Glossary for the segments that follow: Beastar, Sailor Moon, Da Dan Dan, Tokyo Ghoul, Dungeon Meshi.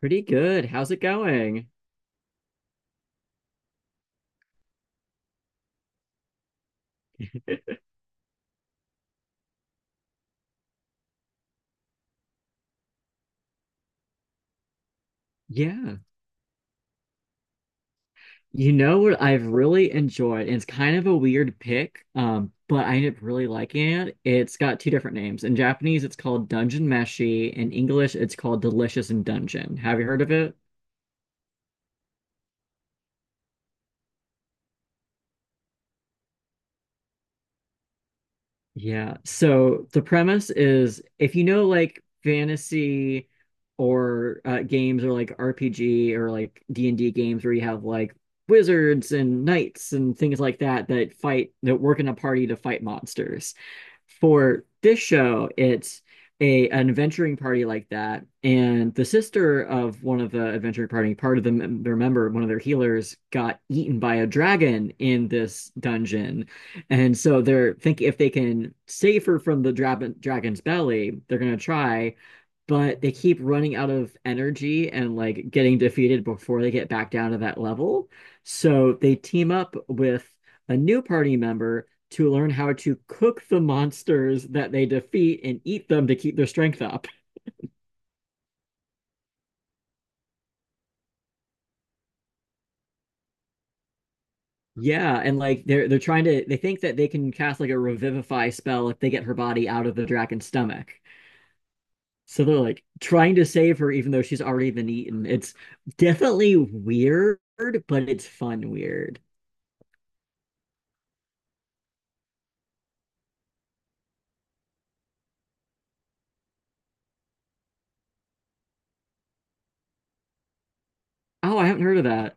Pretty good. How's it going? Yeah. You know what I've really enjoyed, and it's kind of a weird pick, but I ended up really liking it. It's got two different names. In Japanese, it's called Dungeon Meshi. In English, it's called Delicious in Dungeon. Have you heard of it? Yeah. So the premise is if you know like fantasy or games or like RPG or like D&D games where you have like wizards and knights and things like that that fight that work in a party to fight monsters. For this show, it's a an adventuring party like that, and the sister of one of the adventuring party, part of the their member, one of their healers, got eaten by a dragon in this dungeon, and so they're thinking if they can save her from the dragon's belly, they're gonna try. But they keep running out of energy and like getting defeated before they get back down to that level. So they team up with a new party member to learn how to cook the monsters that they defeat and eat them to keep their strength up. Yeah, and like they're trying to they think that they can cast like a revivify spell if they get her body out of the dragon's stomach. So they're like trying to save her even though she's already been eaten. It's definitely weird, but it's fun weird. Oh, I haven't heard of that.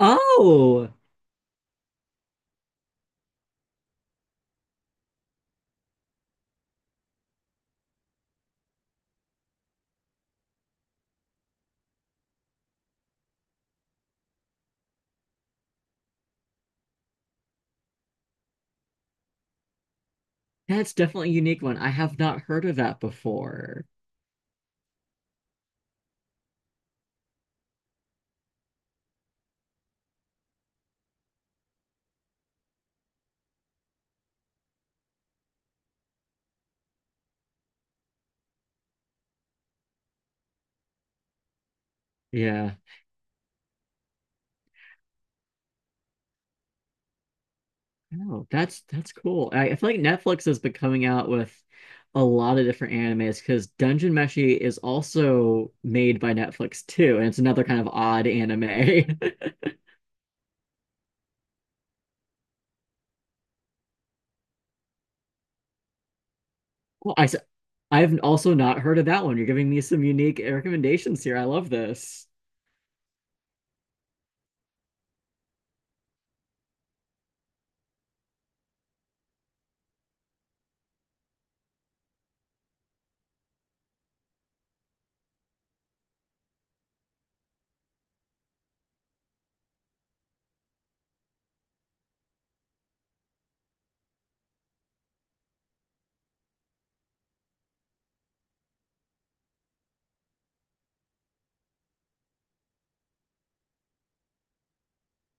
Oh, that's definitely a unique one. I have not heard of that before. Yeah. Oh, that's cool. I feel like Netflix has been coming out with a lot of different animes because Dungeon Meshi is also made by Netflix too, and it's another kind of odd anime. Well, I've also not heard of that one. You're giving me some unique recommendations here. I love this.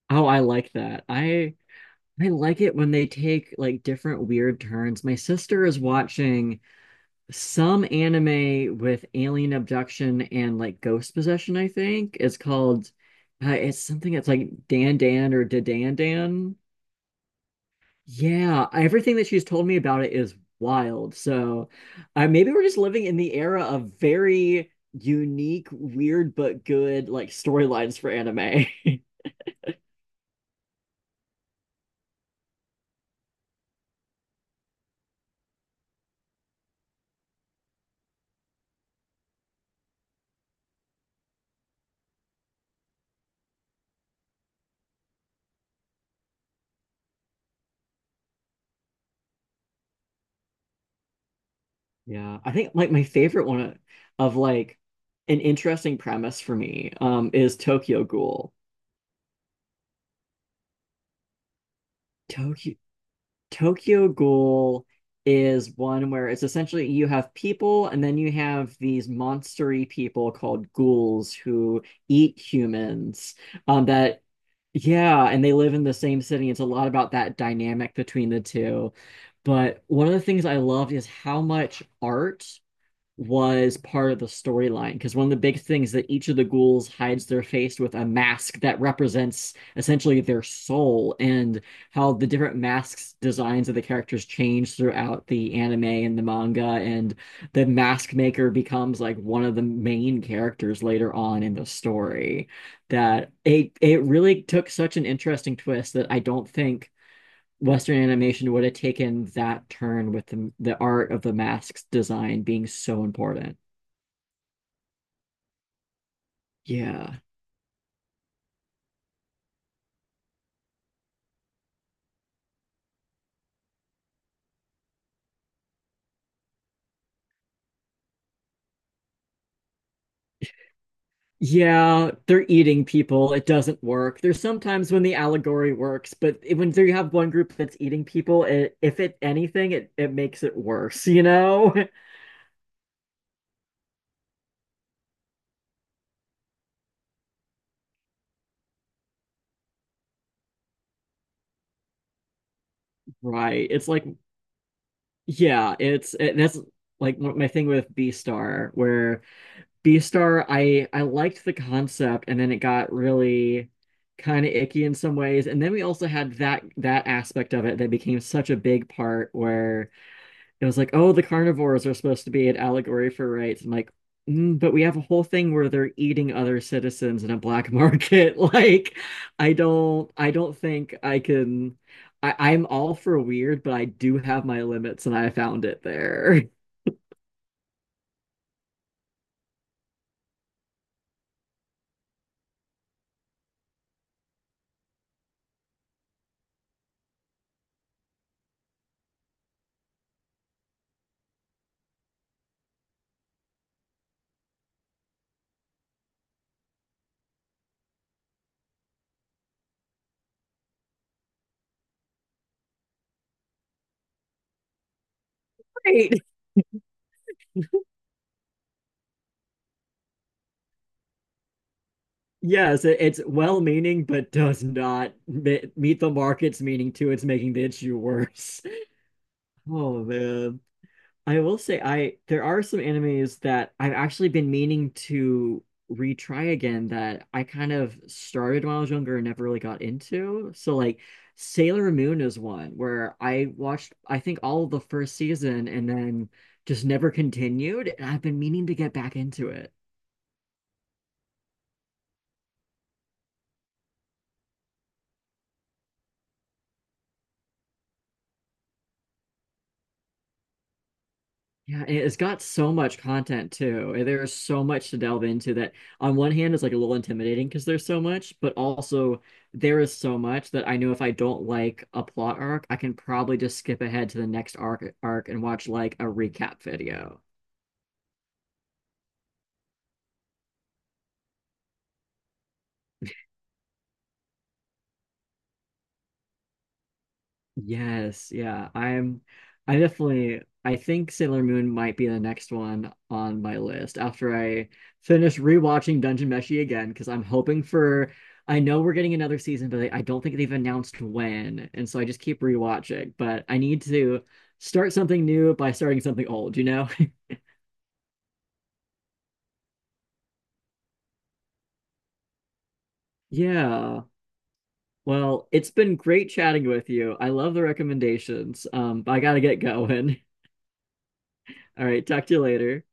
Oh, I like that. I like it when they take like different weird turns. My sister is watching some anime with alien abduction and like ghost possession, I think. It's called it's something that's like Dan Dan or Da Dan Dan. Yeah, everything that she's told me about it is wild. So maybe we're just living in the era of very unique, weird but good like storylines for anime. Yeah, I think like my favorite one like an interesting premise for me is Tokyo Ghoul. Tokyo Tokyo Ghoul is one where it's essentially you have people and then you have these monstery people called ghouls who eat humans. That Yeah, and they live in the same city. It's a lot about that dynamic between the two. But one of the things I loved is how much art was part of the storyline because one of the big things that each of the ghouls hides their face with a mask that represents essentially their soul, and how the different masks designs of the characters change throughout the anime and the manga, and the mask maker becomes like one of the main characters later on in the story, that it really took such an interesting twist that I don't think Western animation would have taken that turn with the art of the masks design being so important. Yeah. Yeah, they're eating people. It doesn't work. There's sometimes when the allegory works, but when you have one group that's eating people, it, if it anything, it makes it worse, you know? Right. It's like, yeah, it's, it. That's like my thing with Beastar, where Beastar, I liked the concept, and then it got really kind of icky in some ways. And then we also had that aspect of it that became such a big part where it was like, oh, the carnivores are supposed to be an allegory for rights. I'm like, mm, but we have a whole thing where they're eating other citizens in a black market. Like, I don't think I can. I'm all for weird, but I do have my limits, and I found it there. Right. Yes, it's well-meaning, but does not meet the market's meaning too. It's making the issue worse. Oh man. I will say I there are some animes that I've actually been meaning to retry again that I kind of started when I was younger and never really got into. So like Sailor Moon is one where I watched I think all of the first season and then just never continued, and I've been meaning to get back into it. Yeah, and it's got so much content too, and there's so much to delve into, that on one hand is like a little intimidating because there's so much, but also there is so much that I know if I don't like a plot arc, I can probably just skip ahead to the next arc and watch like a recap video. Yes, yeah. I'm I definitely I think Sailor Moon might be the next one on my list after I finish rewatching Dungeon Meshi again because I'm hoping for I know we're getting another season, but I don't think they've announced when, and so I just keep rewatching. But I need to start something new by starting something old, you know? Yeah. Well, it's been great chatting with you. I love the recommendations. But I gotta get going. All right, talk to you later.